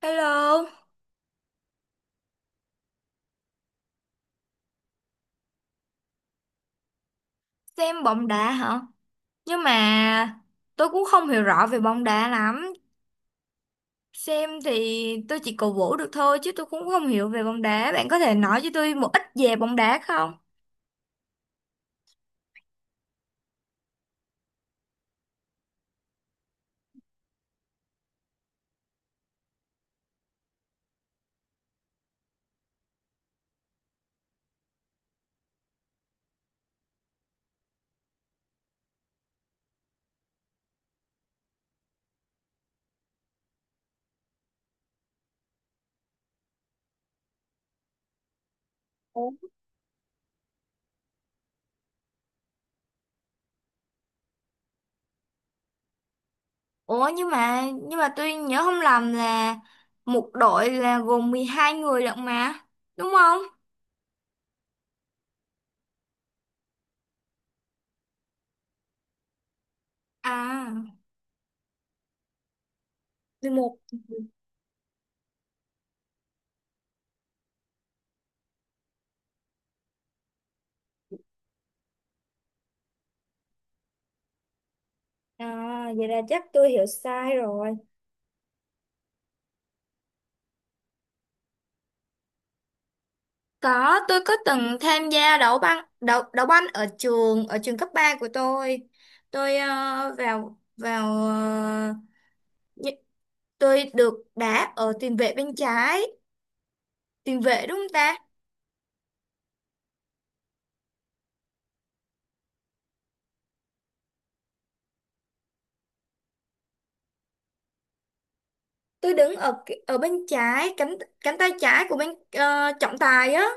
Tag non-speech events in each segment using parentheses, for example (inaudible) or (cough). Hello, xem bóng đá hả? Nhưng mà tôi cũng không hiểu rõ về bóng đá lắm. Xem thì tôi chỉ cổ vũ được thôi chứ tôi cũng không hiểu về bóng đá. Bạn có thể nói cho tôi một ít về bóng đá không? Ủa Ủa, nhưng mà tôi nhớ không lầm là một đội là gồm 12 người lận mà, đúng không? À, 11. À, vậy là chắc tôi hiểu sai rồi. Có, tôi có từng tham gia đấu banh ở trường cấp 3 của tôi. Tôi ờ, vào vào ờ, nhi- tôi được đá ở tiền vệ bên trái, tiền vệ đúng không ta? Tôi đứng ở ở bên trái cánh cánh tay trái của bên trọng tài á.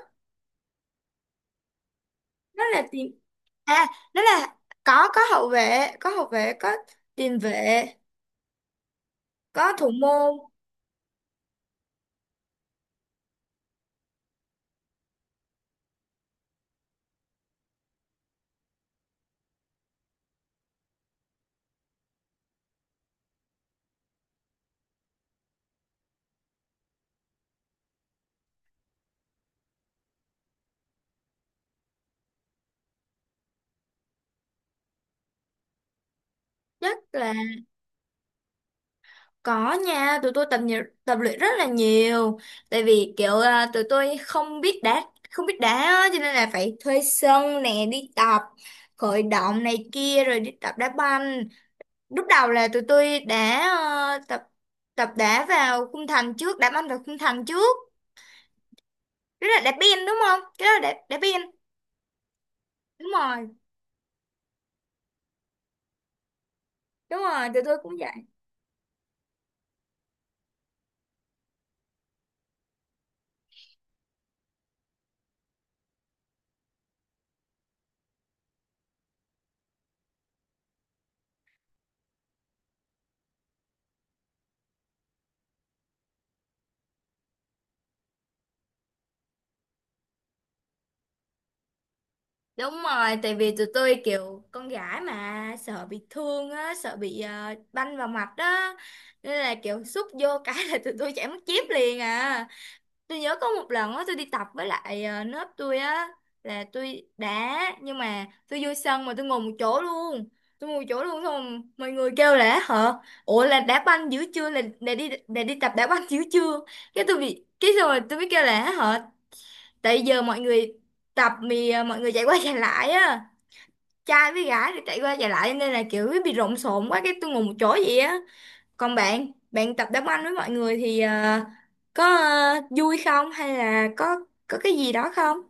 Nó là tiền à, nó là có hậu vệ, có tiền vệ, có thủ môn, rất là. Có nha, tụi tôi tập nhiều, tập luyện rất là nhiều. Tại vì kiểu à, tụi tôi không biết đá, không biết đá á, cho nên là phải thuê sân nè đi tập, khởi động này kia rồi đi tập đá banh. Lúc đầu là tụi tôi đã tập tập đá vào khung thành trước, đá banh vào khung thành trước. Đó là đá biên đúng không? Cái đó là đá biên. Đúng rồi, đúng rồi, tụi tôi cũng. Đúng rồi, tại vì tụi tôi kiểu con gái mà sợ bị thương á, sợ bị banh vào mặt đó. Nên là kiểu xúc vô cái là tụi tôi chảy mất chip liền à. Tôi nhớ có một lần á tôi đi tập với lại lớp tôi á, là tôi đá nhưng mà tôi vô sân mà tôi ngồi một chỗ luôn. Tôi ngồi một chỗ luôn xong mọi người kêu là hả? Ủa, là đá banh dữ chưa, là đi tập đá banh dữ chưa? Cái tôi bị cái xong rồi tôi mới kêu là hả? Tại giờ mọi người mọi người chạy qua chạy lại á, trai với gái rồi chạy qua chạy lại nên là kiểu bị lộn xộn quá cái tôi ngồi một chỗ vậy á. Còn bạn bạn tập đá banh với mọi người thì có vui không hay là có cái gì đó không?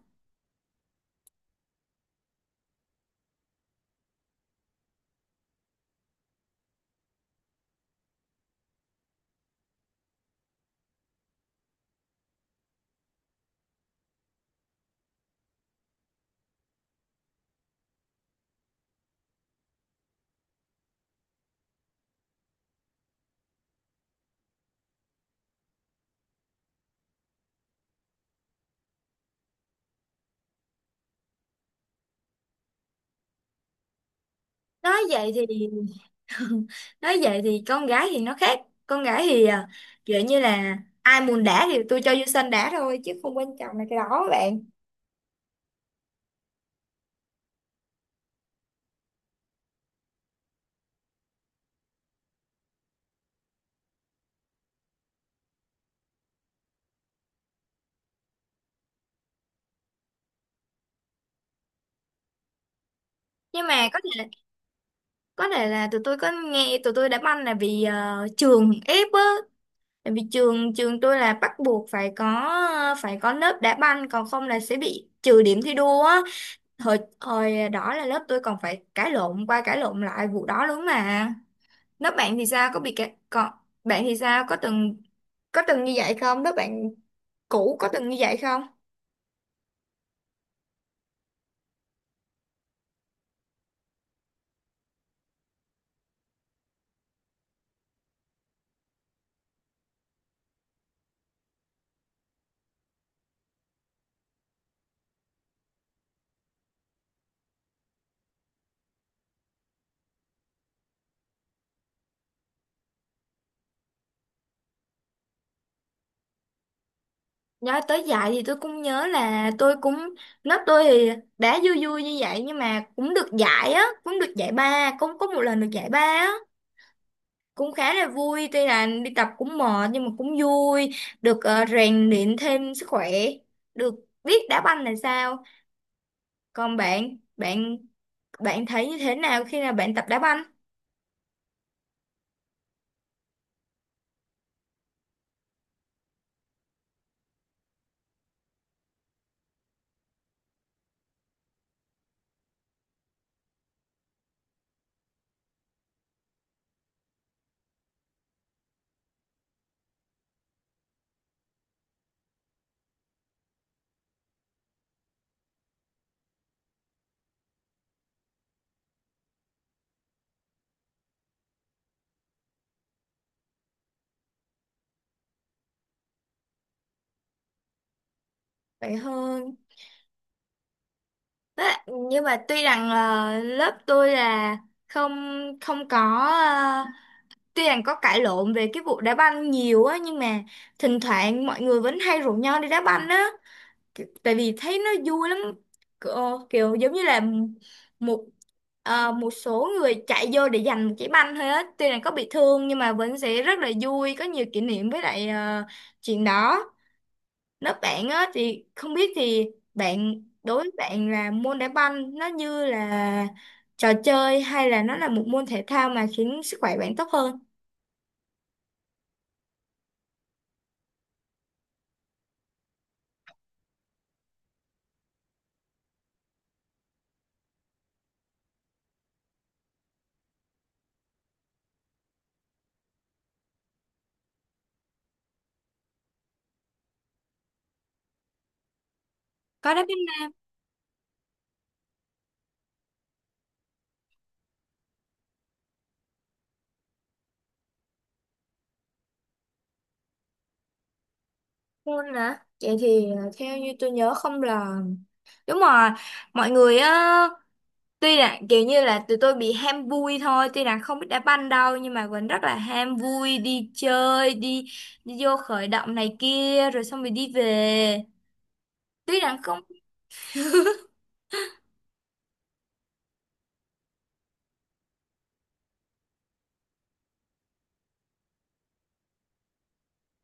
Nói vậy thì (laughs) nói vậy thì con gái thì nó khác. Con gái thì kiểu như là ai muốn đá thì tôi cho vô sân đá thôi chứ không quan trọng là cái đó các bạn. Nhưng mà có thể là tụi tôi có nghe, tụi tôi đá banh là vì trường ép á. Tại vì trường trường tôi là bắt buộc phải có lớp đá banh còn không là sẽ bị trừ điểm thi đua á. Hồi hồi đó là lớp tôi còn phải cãi lộn qua cãi lộn lại vụ đó luôn mà. Lớp bạn thì sao, có bị cãi còn bạn thì sao, có từng như vậy không? Lớp bạn cũ có từng như vậy không? Nói tới dạy thì tôi cũng nhớ là tôi cũng, lớp tôi thì đá vui vui như vậy nhưng mà cũng được giải á, cũng được giải ba, cũng có một lần được giải ba á. Cũng khá là vui, tuy là đi tập cũng mệt nhưng mà cũng vui, được rèn luyện thêm sức khỏe, được biết đá banh là sao. Còn bạn, bạn thấy như thế nào khi nào bạn tập đá banh? Vậy hơn. Đó, nhưng mà tuy rằng lớp tôi là không không có ờ, tuy rằng có cãi lộn về cái vụ đá banh nhiều á nhưng mà thỉnh thoảng mọi người vẫn hay rủ nhau đi đá banh á. Tại vì thấy nó vui lắm, kiểu giống như là một một số người chạy vô để giành một trái banh thôi á, tuy là có bị thương nhưng mà vẫn sẽ rất là vui, có nhiều kỷ niệm với lại chuyện đó. Nếu bạn á thì không biết thì bạn, đối với bạn là môn đá banh nó như là trò chơi hay là nó là một môn thể thao mà khiến sức khỏe bạn tốt hơn? Có đá banh môn hả? Vậy thì theo như tôi nhớ không là đúng rồi, mọi người á, tuy là kiểu như là tụi tôi bị ham vui thôi, tuy là không biết đá banh đâu nhưng mà vẫn rất là ham vui đi chơi, đi đi vô khởi động này kia rồi xong rồi đi về, tuy rằng không.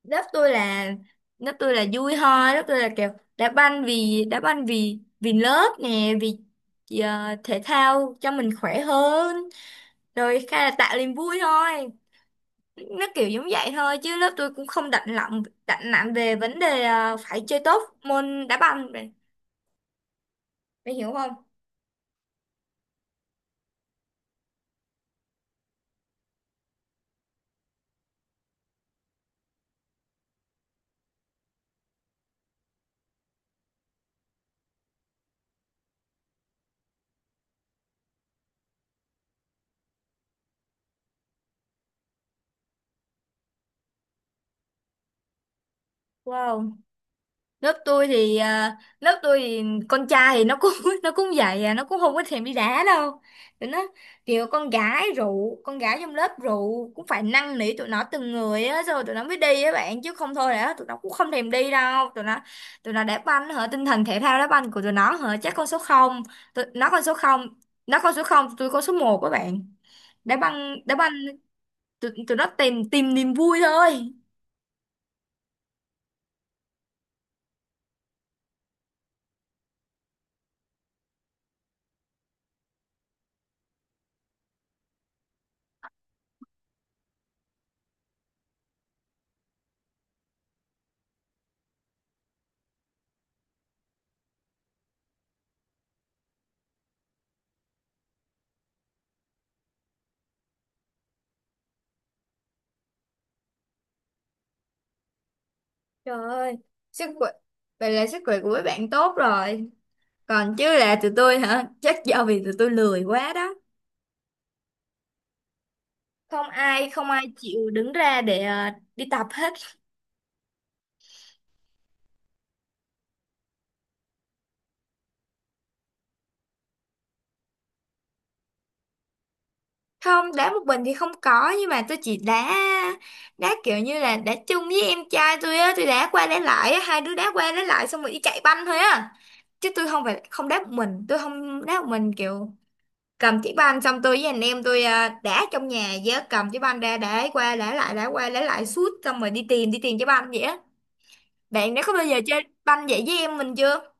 Lớp tôi là lớp tôi là vui thôi. Lớp tôi là kiểu đá banh vì đá banh, vì vì lớp nè, vì thể thao cho mình khỏe hơn rồi khai là tạo niềm vui thôi. Nó kiểu giống vậy thôi chứ lớp tôi cũng không đặt nặng về vấn đề phải chơi tốt môn đá banh, mày hiểu không? Wow, lớp tôi thì con trai thì nó cũng (laughs) nó cũng vậy à, nó cũng không có thèm đi đá đâu. Tụi nó kiểu con gái rượu, con gái trong lớp rượu cũng phải năn nỉ tụi nó từng người á rồi tụi nó mới đi á bạn, chứ không thôi là tụi nó cũng không thèm đi đâu. Tụi nó, tụi nó đá banh hả, tinh thần thể thao đá banh của tụi nó hả, chắc con số không. Nó con số không, nó con số không, tôi con số một các bạn. Đá banh. Tụi nó tìm tìm niềm vui thôi. Trời ơi, sức khỏe, vậy là sức khỏe của mấy bạn tốt rồi. Còn chứ, là tụi tôi hả? Chắc do vì tụi tôi lười quá đó. Không ai chịu đứng ra để đi tập hết. Không, đá một mình thì không có nhưng mà tôi chỉ đá đá kiểu như là đá chung với em trai tôi á, tôi đá qua đá lại á, hai đứa đá qua đá lại xong rồi đi chạy banh thôi á. Chứ tôi không phải không đá một mình, tôi không đá một mình kiểu cầm chiếc banh xong tôi với anh em tôi đá trong nhà, với cầm chiếc banh ra đá qua đá lại, đá qua đá lại suốt xong rồi đi tìm chiếc banh vậy á. Bạn đã có bao giờ chơi banh vậy với em mình chưa?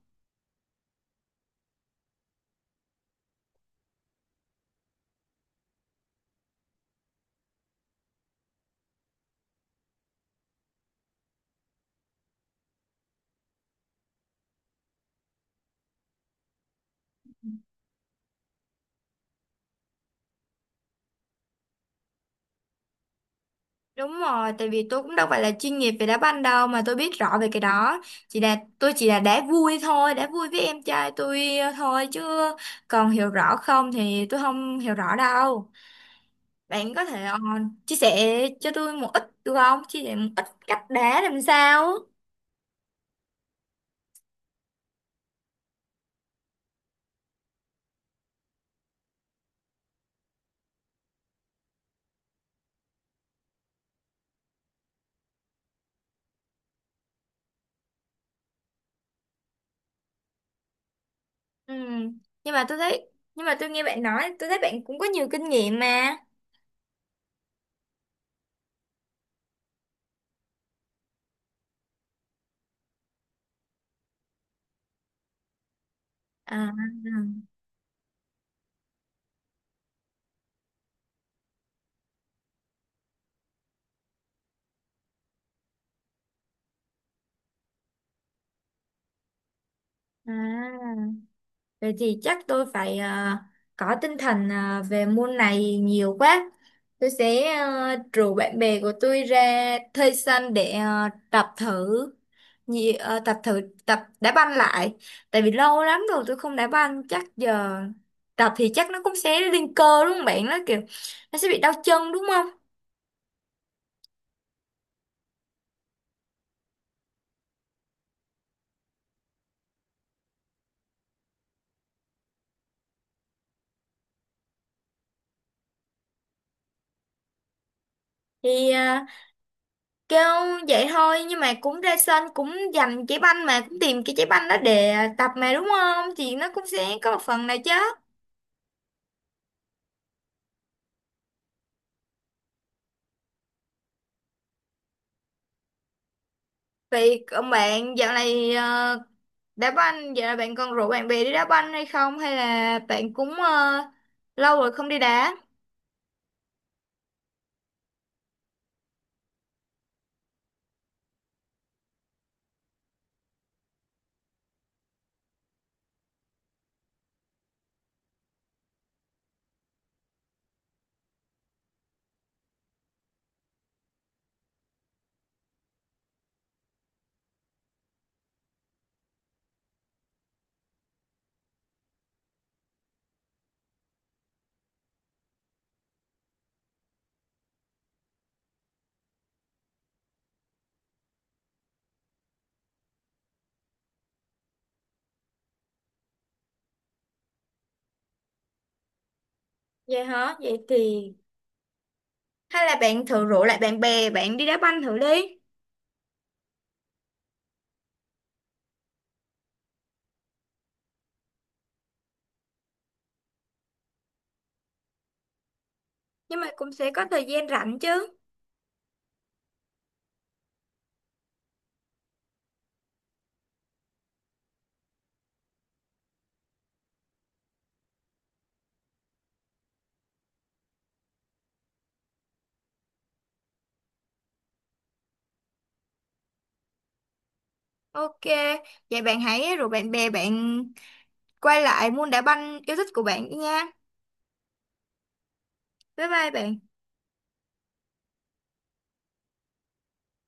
Đúng rồi, tại vì tôi cũng đâu phải là chuyên nghiệp về đá banh đâu mà tôi biết rõ về cái đó. Chỉ là tôi chỉ là đá vui thôi, đá vui với em trai tôi thôi chứ, còn hiểu rõ không thì tôi không hiểu rõ đâu. Bạn có thể chia sẻ cho tôi một ít được không, chia sẻ một ít cách đá làm sao? Ừ. Nhưng mà tôi thấy, nhưng mà tôi nghe bạn nói tôi thấy bạn cũng có nhiều kinh nghiệm mà. À, à. À. Vậy thì chắc tôi phải có tinh thần về môn này nhiều quá, tôi sẽ rủ bạn bè của tôi ra thuê sân để tập thử, tập thử, tập đá banh lại. Tại vì lâu lắm rồi tôi không đá banh, chắc giờ tập thì chắc nó cũng sẽ lên cơ đúng không bạn, nó kiểu nó sẽ bị đau chân đúng không? Thì kêu vậy thôi nhưng mà cũng ra sân cũng giành trái banh mà cũng tìm cái trái banh đó để tập mà, đúng không, thì nó cũng sẽ có một phần nào chứ. Vậy còn bạn, dạo này đá banh, dạo này bạn còn rủ bạn bè đi đá banh hay không, hay là bạn cũng lâu rồi không đi đá? Vậy hả, vậy thì hay là bạn thử rủ lại bạn bè bạn đi đá banh thử đi. Nhưng mà cũng sẽ có thời gian rảnh chứ. Ok, vậy bạn hãy rủ bạn bè bạn quay lại môn đá banh yêu thích của bạn đi nha. Bye bye bạn.